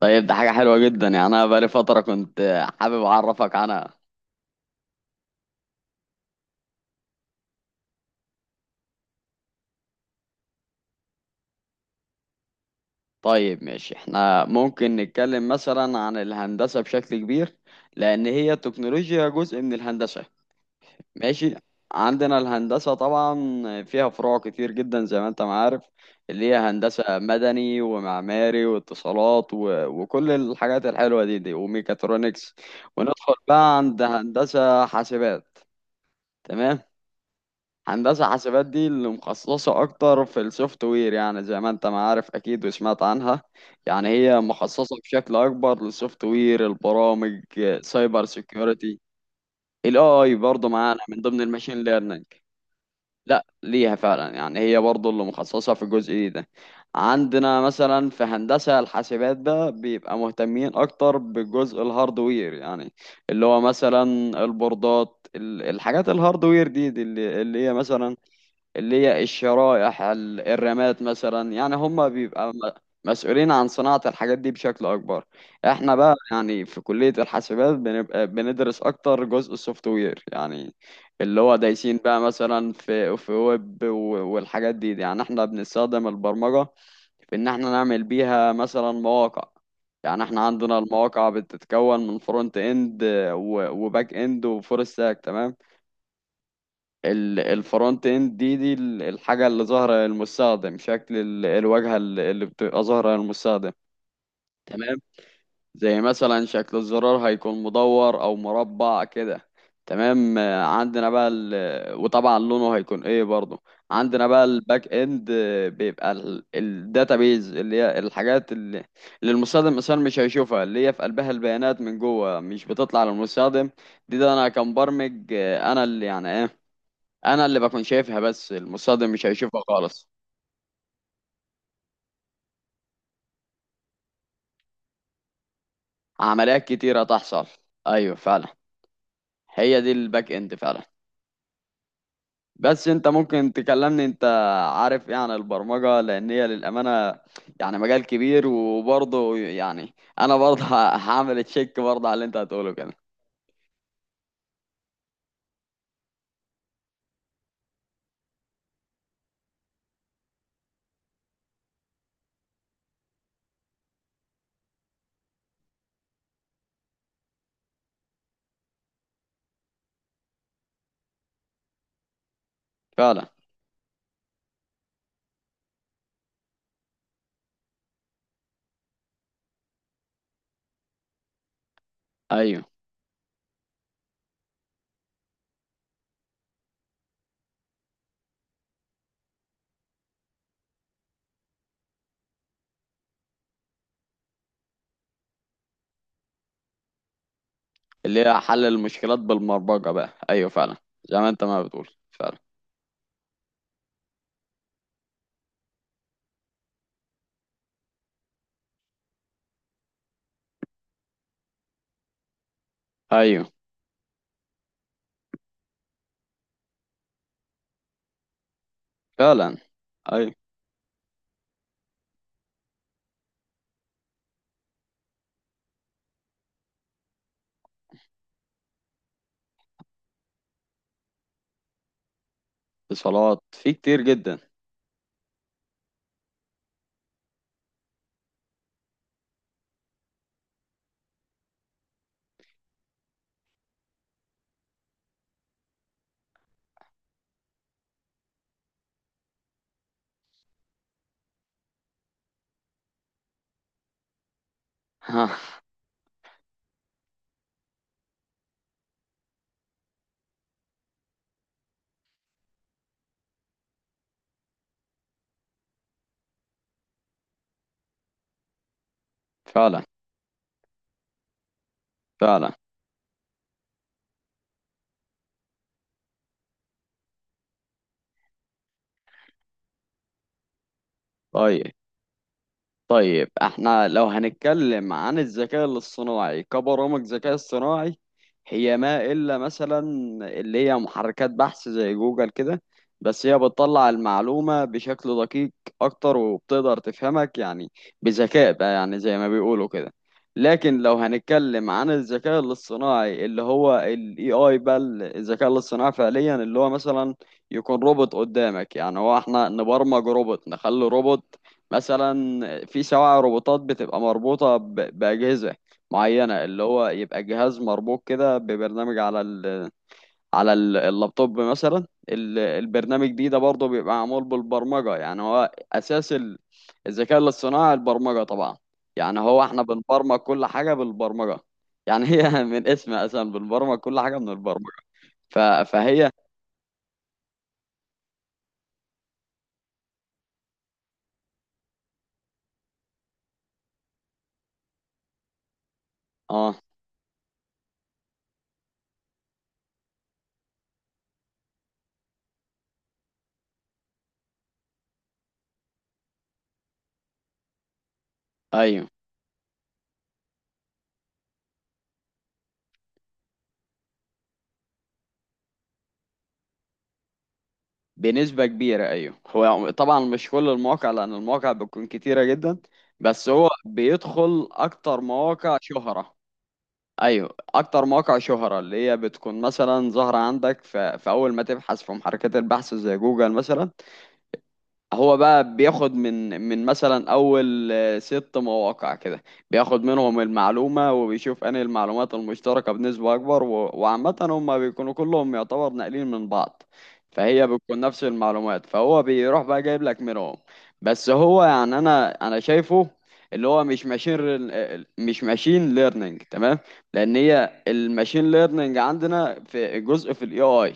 طيب ده حاجة حلوة جدا، يعني أنا بقالي فترة كنت حابب أعرفك عنها. طيب ماشي، احنا ممكن نتكلم مثلا عن الهندسة بشكل كبير، لأن هي التكنولوجيا جزء من الهندسة. ماشي. عندنا الهندسة طبعا فيها فروع كتير جدا زي ما أنت ما عارف، اللي هي هندسة مدني ومعماري واتصالات وكل الحاجات الحلوة دي وميكاترونكس. وندخل بقى عند هندسة حاسبات. تمام. هندسة حاسبات دي اللي مخصصة أكتر في السوفت وير، يعني زي ما أنت ما عارف أكيد وسمعت عنها. يعني هي مخصصة بشكل أكبر للسوفت وير، البرامج، سايبر سيكيورتي. ال AI برضه معانا من ضمن الماشين ليرنينج. لا ليها فعلا، يعني هي برضه اللي مخصصة في الجزء ده. عندنا مثلا في هندسة الحاسبات ده بيبقى مهتمين أكتر بجزء الهاردوير، يعني اللي هو مثلا البوردات، الحاجات الهاردوير دي اللي هي مثلا اللي هي الشرائح، الرماد مثلا، يعني هم بيبقى مسؤولين عن صناعة الحاجات دي بشكل أكبر. احنا بقى يعني في كلية الحاسبات بنبقى بندرس أكتر جزء السوفت وير، يعني اللي هو دايسين بقى مثلا في ويب والحاجات دي، يعني احنا بنستخدم البرمجة في إن احنا نعمل بيها مثلا مواقع. يعني احنا عندنا المواقع بتتكون من فرونت اند وباك اند وفول ستاك. تمام. الفرونت اند دي الحاجة اللي ظاهرة للمستخدم، شكل الواجهة اللي بتبقى ظاهرة للمستخدم. تمام. زي مثلا شكل الزرار هيكون مدور او مربع كده. تمام. عندنا بقى وطبعا لونه هيكون ايه برضه. عندنا بقى الباك اند، بيبقى الداتابيز، اللي هي الحاجات اللي المستخدم مثلا مش هيشوفها، اللي هي في قلبها البيانات من جوه مش بتطلع للمستخدم. دي انا كمبرمج، انا اللي يعني ايه، انا اللي بكون شايفها بس المصادم مش هيشوفها خالص. عمليات كتيرة تحصل، ايوه فعلا. هي دي الباك اند فعلا. بس انت ممكن تكلمني انت عارف ايه عن البرمجة، لان هي للأمانة يعني مجال كبير وبرضه يعني انا برضه هعمل تشيك برضه على اللي انت هتقوله كده. فعلا، ايوه اللي هي حل المشكلات بالبرمجة بقى، ايوه فعلا زي ما انت ما بتقول فعلا. ايوه. فعلا. ايوه. اتصالات في كتير جدا. ها. فعلا. فعلا. طيب. طيب احنا لو هنتكلم عن الذكاء الاصطناعي كبرامج ذكاء اصطناعي، هي ما الا مثلا اللي هي محركات بحث زي جوجل كده، بس هي بتطلع المعلومة بشكل دقيق اكتر وبتقدر تفهمك يعني، بذكاء بقى يعني زي ما بيقولوا كده. لكن لو هنتكلم عن الذكاء الاصطناعي اللي هو ال AI بقى، الذكاء الاصطناعي فعليا اللي هو مثلا يكون روبوت قدامك. يعني هو احنا نبرمج روبوت، نخلي روبوت مثلا، في سواع روبوتات بتبقى مربوطة بأجهزة معينة، اللي هو يبقى جهاز مربوط كده ببرنامج على ال، على اللابتوب مثلا. البرنامج ده برضه بيبقى معمول بالبرمجة، يعني هو أساس الذكاء الاصطناعي البرمجة طبعا. يعني هو احنا بنبرمج كل حاجة بالبرمجة، يعني هي من اسمها أصلا بنبرمج كل حاجة من البرمجة. ف- فهي. اه. ايوه بنسبة كبيرة، أيوه هو طبعا مش كل المواقع، لأن المواقع بتكون كتيرة جدا، بس هو بيدخل أكتر مواقع شهرة. أيوه أكتر مواقع شهرة، اللي هي بتكون مثلا ظاهرة عندك في أول ما تبحث في محركات البحث زي جوجل مثلا. هو بقى بياخد من مثلا اول ست مواقع كده، بياخد منهم المعلومه وبيشوف انهي المعلومات المشتركه بنسبه اكبر، وعامه هم بيكونوا كلهم يعتبر ناقلين من بعض، فهي بتكون نفس المعلومات، فهو بيروح بقى جايب لك منهم. بس هو يعني انا شايفه اللي هو مش مش ماشين ليرنينج تمام، لان هي الماشين ليرنينج عندنا في جزء في الاي اي،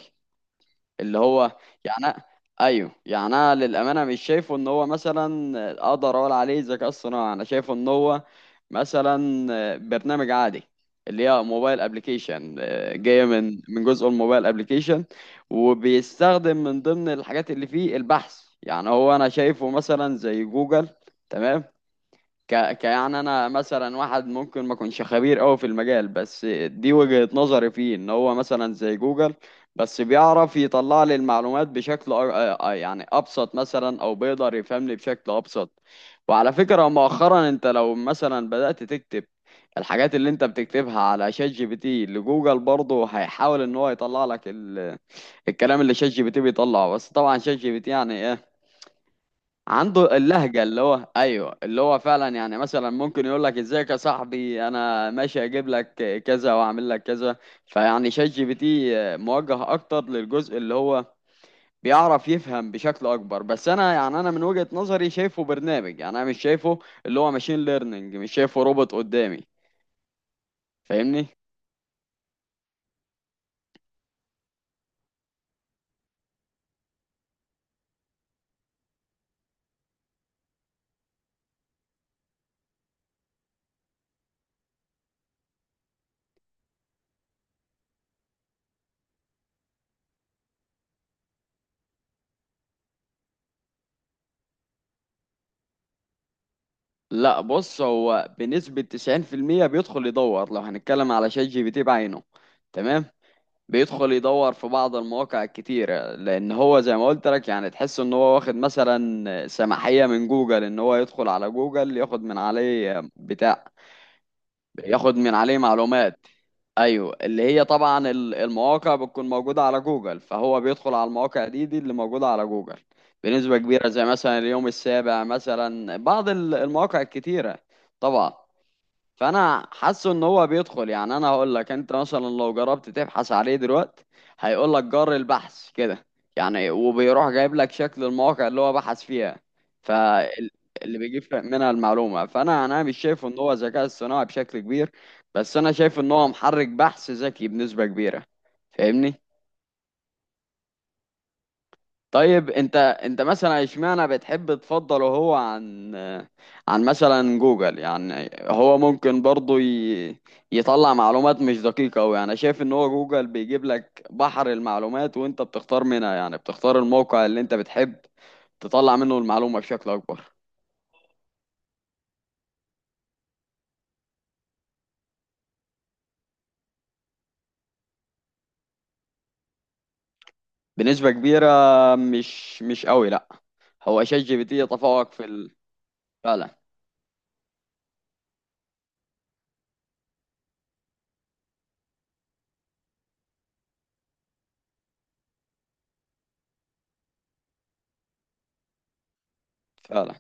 اللي هو يعني ايوه يعني انا للامانه مش شايفه ان هو مثلا اقدر اقول عليه ذكاء اصطناعي، انا شايفه ان هو مثلا برنامج عادي، اللي هي موبايل ابلكيشن جايه من جزء الموبايل ابلكيشن، وبيستخدم من ضمن الحاجات اللي فيه البحث. يعني هو انا شايفه مثلا زي جوجل، تمام. ك... ك يعني انا مثلا واحد ممكن ما اكونش خبير قوي في المجال، بس دي وجهة نظري فيه، ان هو مثلا زي جوجل بس بيعرف يطلع لي المعلومات بشكل يعني ابسط مثلا، او بيقدر يفهمني بشكل ابسط. وعلى فكرة مؤخرا انت لو مثلا بدأت تكتب الحاجات اللي انت بتكتبها على شات جي بي تي لجوجل، برضه هيحاول ان هو يطلع لك الكلام اللي شات جي بي تي بيطلعه. بس طبعا شات جي بي تي يعني عنده اللهجة اللي هو ايوه اللي هو فعلا، يعني مثلا ممكن يقول لك ازيك يا صاحبي انا ماشي اجيب لك كذا واعمل لك كذا. فيعني شات جي بي تي موجه اكتر للجزء اللي هو بيعرف يفهم بشكل اكبر. بس انا يعني انا من وجهة نظري شايفه برنامج، يعني انا مش شايفه اللي هو ماشين ليرنينج، مش شايفه روبوت قدامي، فاهمني. لا بص، هو بنسبة 90% بيدخل يدور لو هنتكلم على شات جي بي تي بعينه. تمام، بيدخل يدور في بعض المواقع الكتيرة، لأن هو زي ما قلت لك يعني تحس إن هو واخد مثلا سماحية من جوجل إن هو يدخل على جوجل ياخد من عليه بتاع، ياخد من عليه معلومات. أيوه اللي هي طبعا المواقع بتكون موجودة على جوجل، فهو بيدخل على المواقع دي اللي موجودة على جوجل بنسبة كبيرة، زي مثلا اليوم السابع مثلا، بعض المواقع الكتيرة. طبعا. فانا حاسه ان هو بيدخل، يعني انا هقول لك انت مثلا لو جربت تبحث عليه دلوقتي هيقول لك جر البحث كده، يعني وبيروح جايب لك شكل المواقع اللي هو بحث فيها، فاللي بيجيب منها المعلومة. فانا انا مش شايف ان هو ذكاء اصطناعي بشكل كبير، بس انا شايف ان هو محرك بحث ذكي بنسبة كبيرة، فاهمني. طيب انت مثلا اشمعنى بتحب تفضله هو عن، عن مثلا جوجل، يعني هو ممكن برضه يطلع معلومات مش دقيقة أوي، يعني شايف ان هو جوجل بيجيب لك بحر المعلومات وانت بتختار منها، يعني بتختار الموقع اللي انت بتحب تطلع منه المعلومة بشكل اكبر. بنسبة كبيرة. مش قوي لا، هو شات جي بي تي يتفوق في فعلا. فعلا.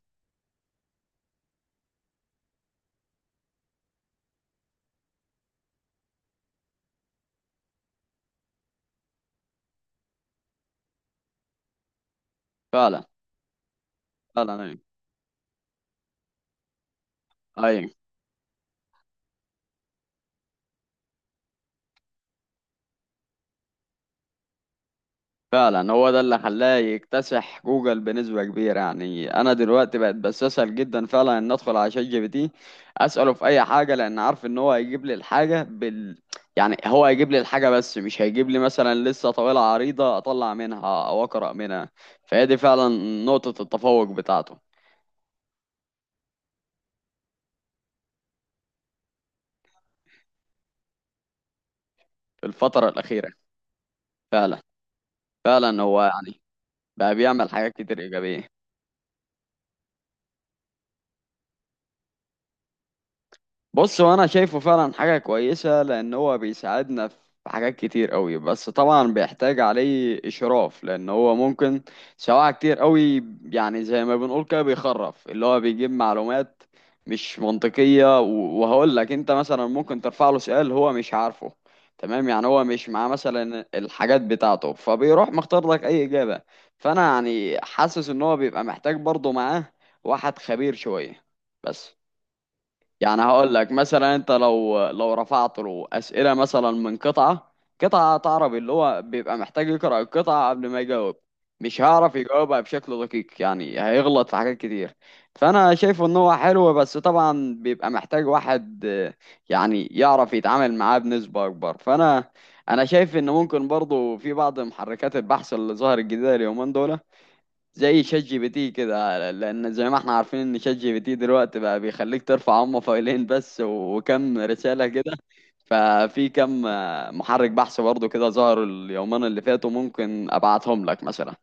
فعلا. فعلا. ايوه. أيوه. فعلا هو ده اللي خلاه يكتسح جوجل بنسبة كبيرة، يعني أنا دلوقتي بقت بستسهل جدا فعلا إن أدخل على شات جي بي تي أسأله في أي حاجة، لأن عارف إن هو هيجيب لي الحاجة بال، يعني هو هيجيب لي الحاجة بس مش هيجيب لي مثلا لسه طويلة عريضة أطلع منها أو أقرأ منها، فهي دي فعلا نقطة التفوق بتاعته. في الفترة الأخيرة فعلا. فعلا هو يعني بقى بيعمل حاجات كتير إيجابية. بص هو انا شايفه فعلا حاجة كويسة، لان هو بيساعدنا في حاجات كتير قوي. بس طبعا بيحتاج عليه اشراف، لان هو ممكن سواء كتير قوي، يعني زي ما بنقول كده بيخرف، اللي هو بيجيب معلومات مش منطقية. وهقول لك انت مثلا ممكن ترفع له سؤال هو مش عارفه، تمام، يعني هو مش معاه مثلا الحاجات بتاعته، فبيروح مختار لك اي اجابة. فانا يعني حاسس ان هو بيبقى محتاج برضه معاه واحد خبير شوية بس. يعني هقول لك مثلا انت لو رفعت له اسئله مثلا من قطعه، قطعه عربي، اللي هو بيبقى محتاج يقرا القطعه قبل ما يجاوب، مش هيعرف يجاوبها بشكل دقيق، يعني هيغلط في حاجات كتير. فانا شايفه ان هو حلو، بس طبعا بيبقى محتاج واحد يعني يعرف يتعامل معاه بنسبه اكبر. فانا انا شايف ان ممكن برضه في بعض محركات البحث اللي ظهرت جديده اليومين دول زي شات جي بي تي كده، لان زي ما احنا عارفين ان شات جي بي تي دلوقتي بقى بيخليك ترفع هم فايلين بس وكم رسالة كده. ففي كم محرك بحث برضه كده ظهر اليومين اللي فاتوا، ممكن ابعتهم لك مثلا.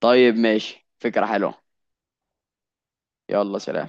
طيب ماشي، فكرة حلوة. يلا سلام.